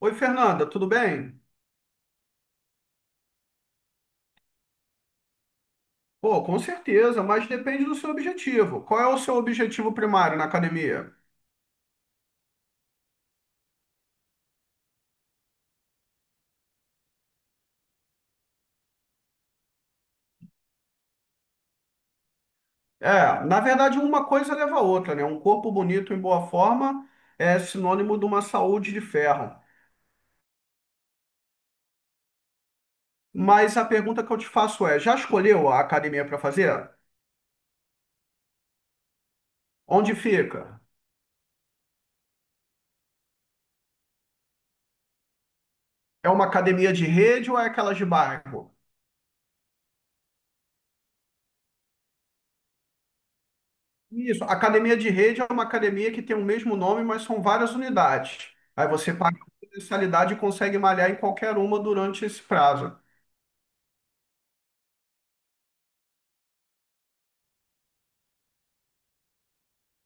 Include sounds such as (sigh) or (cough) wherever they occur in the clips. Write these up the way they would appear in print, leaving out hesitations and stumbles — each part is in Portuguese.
Oi, Fernanda, tudo bem? Pô, com certeza, mas depende do seu objetivo. Qual é o seu objetivo primário na academia? É, na verdade, uma coisa leva a outra, né? Um corpo bonito em boa forma é sinônimo de uma saúde de ferro. Mas a pergunta que eu te faço é: já escolheu a academia para fazer? Onde fica? É uma academia de rede ou é aquela de bairro? Isso, a academia de rede é uma academia que tem o mesmo nome, mas são várias unidades. Aí você paga uma mensalidade e consegue malhar em qualquer uma durante esse prazo.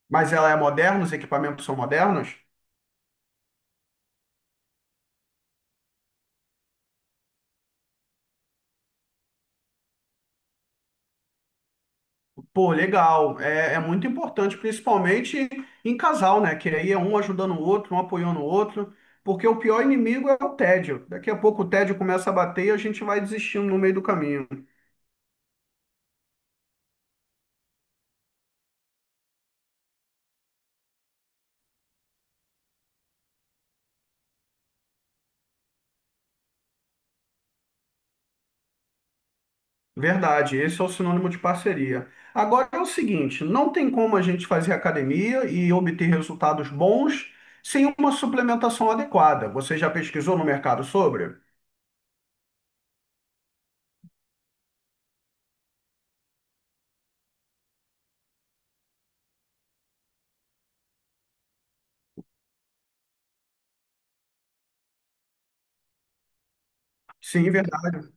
Mas ela é moderna, os equipamentos são modernos? Pô, legal. É muito importante, principalmente em casal, né? Que aí é um ajudando o outro, um apoiando o outro. Porque o pior inimigo é o tédio. Daqui a pouco o tédio começa a bater e a gente vai desistindo no meio do caminho. Verdade, esse é o sinônimo de parceria. Agora é o seguinte, não tem como a gente fazer academia e obter resultados bons sem uma suplementação adequada. Você já pesquisou no mercado sobre? Sim, verdade.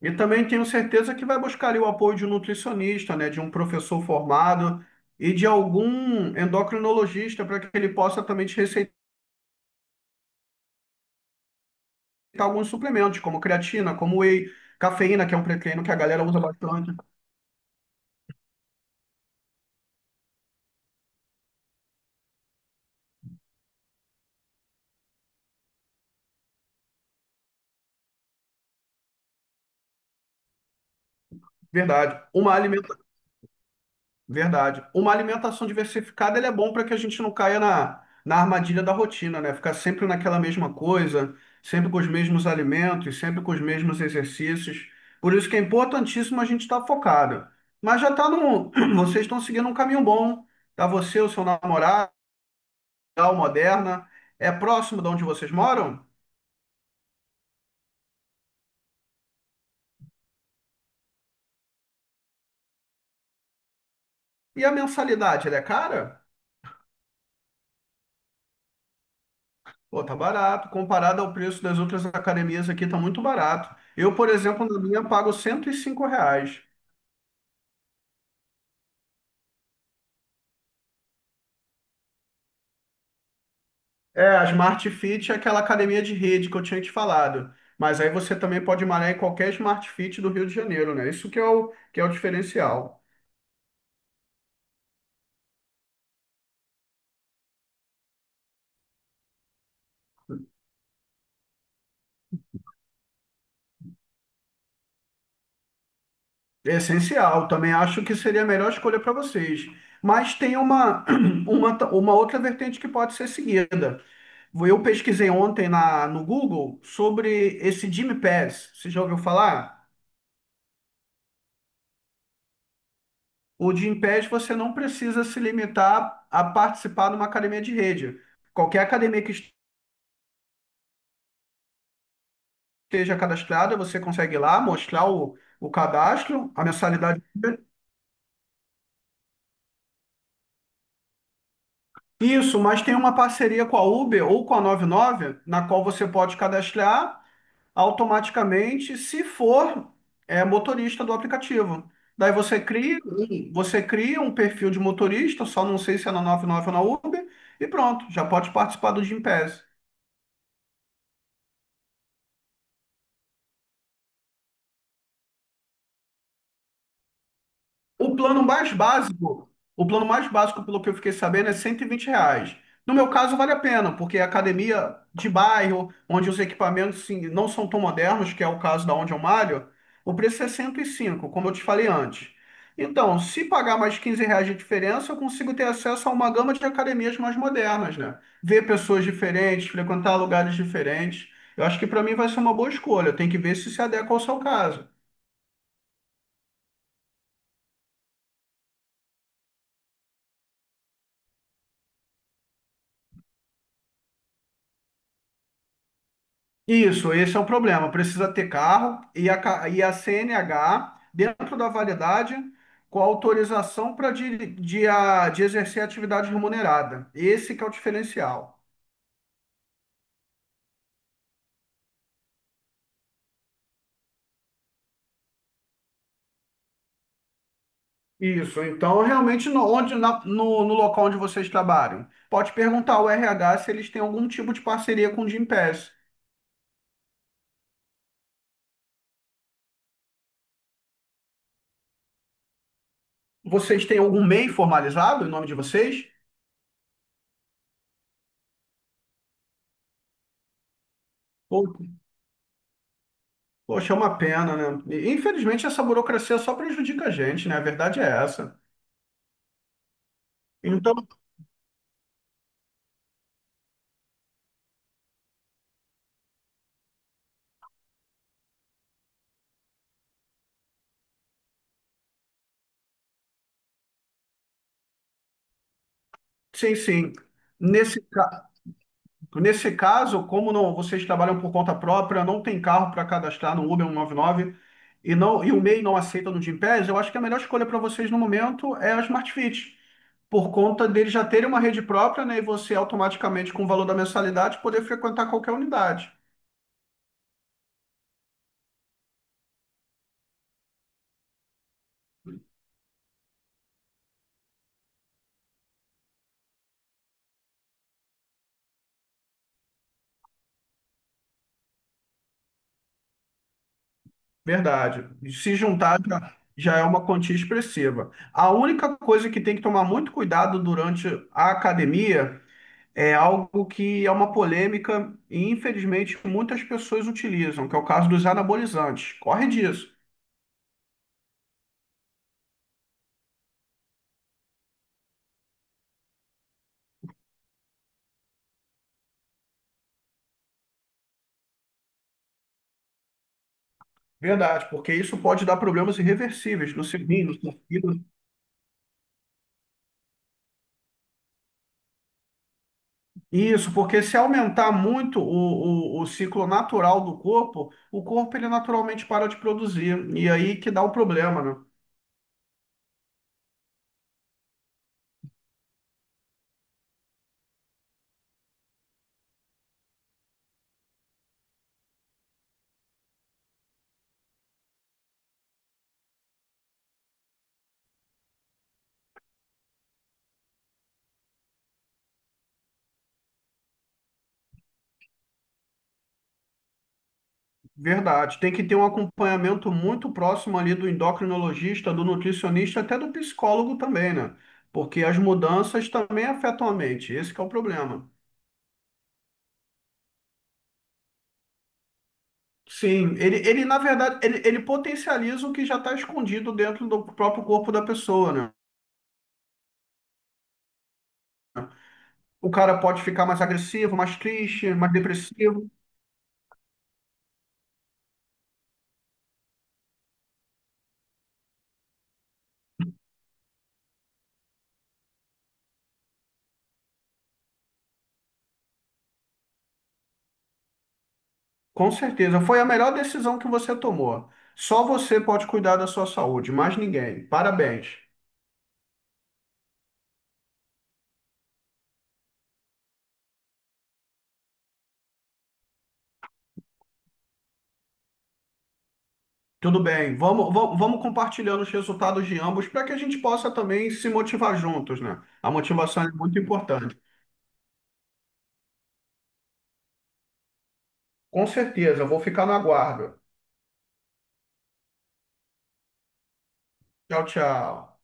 E também tenho certeza que vai buscar ali o apoio de um nutricionista, né, de um professor formado e de algum endocrinologista para que ele possa também te receitar alguns suplementos, como creatina, como whey, cafeína, que é um pré-treino que a galera usa bastante. Verdade. Uma alimentação Verdade. Uma alimentação diversificada, ele é bom para que a gente não caia na armadilha da rotina, né? Ficar sempre naquela mesma coisa, sempre com os mesmos alimentos, sempre com os mesmos exercícios. Por isso que é importantíssimo a gente estar focado. Mas já tá no, (clears throat) Vocês estão seguindo um caminho bom. Tá você, o seu namorado, a Moderna, é próximo de onde vocês moram? E a mensalidade, ela é cara? Pô, tá barato. Comparado ao preço das outras academias aqui, tá muito barato. Eu, por exemplo, na minha pago R$ 105. É, a Smart Fit é aquela academia de rede que eu tinha te falado. Mas aí você também pode malhar em qualquer Smart Fit do Rio de Janeiro, né? Isso que é o diferencial. É essencial. Também acho que seria a melhor escolha para vocês. Mas tem (clears throat) uma outra vertente que pode ser seguida. Eu pesquisei ontem no Google sobre esse Gym Pass. Você já ouviu falar? O Gym Pass você não precisa se limitar a participar de uma academia de rede. Qualquer academia que esteja cadastrada, você consegue ir lá mostrar o cadastro, a mensalidade. Isso, mas tem uma parceria com a Uber ou com a 99, na qual você pode cadastrar automaticamente se for é, motorista do aplicativo. Daí você cria um perfil de motorista, só não sei se é na 99 ou na Uber, e pronto, já pode participar do Gympass. O plano mais básico, o plano mais básico, pelo que eu fiquei sabendo, é R$ 120. No meu caso, vale a pena, porque é academia de bairro, onde os equipamentos sim, não são tão modernos, que é o caso da onde eu malho, o preço é 105, como eu te falei antes. Então, se pagar mais R$ 15 de diferença, eu consigo ter acesso a uma gama de academias mais modernas, né? Ver pessoas diferentes, frequentar lugares diferentes. Eu acho que para mim vai ser uma boa escolha. Tem que ver se se adequa ao seu caso. Isso, esse é o problema. Precisa ter carro e e a CNH dentro da validade com autorização para de exercer atividade remunerada. Esse que é o diferencial. Isso, então realmente no local onde vocês trabalham, pode perguntar ao RH se eles têm algum tipo de parceria com o Gympass. Vocês têm algum MEI formalizado em nome de vocês? Pô, Poxa, é uma pena, né? E, infelizmente essa burocracia só prejudica a gente, né? A verdade é essa. Então, Sim, sim. Nesse, ca- nesse caso, como não, vocês trabalham por conta própria, não tem carro para cadastrar no Uber 199 e, não, e o MEI não aceita no Gympass, eu acho que a melhor escolha para vocês no momento é a Smart Fit, por conta deles já terem uma rede própria, né, e você automaticamente, com o valor da mensalidade, poder frequentar qualquer unidade. Verdade. E se juntar já, já é uma quantia expressiva. A única coisa que tem que tomar muito cuidado durante a academia é algo que é uma polêmica e, infelizmente, muitas pessoas utilizam, que é o caso dos anabolizantes. Corre disso. Verdade, porque isso pode dar problemas irreversíveis no fígado. Isso, porque se aumentar muito o ciclo natural do corpo, o corpo ele naturalmente para de produzir. E aí que dá o problema, né? Verdade. Tem que ter um acompanhamento muito próximo ali do endocrinologista, do nutricionista, até do psicólogo também, né? Porque as mudanças também afetam a mente. Esse que é o problema. Sim, ele na verdade, ele potencializa o que já está escondido dentro do próprio corpo da pessoa, né? O cara pode ficar mais agressivo, mais triste, mais depressivo. Com certeza. Foi a melhor decisão que você tomou. Só você pode cuidar da sua saúde, mais ninguém. Parabéns. Tudo bem, vamos compartilhando os resultados de ambos para que a gente possa também se motivar juntos, né? A motivação é muito importante. Com certeza, eu vou ficar no aguardo. Tchau, tchau.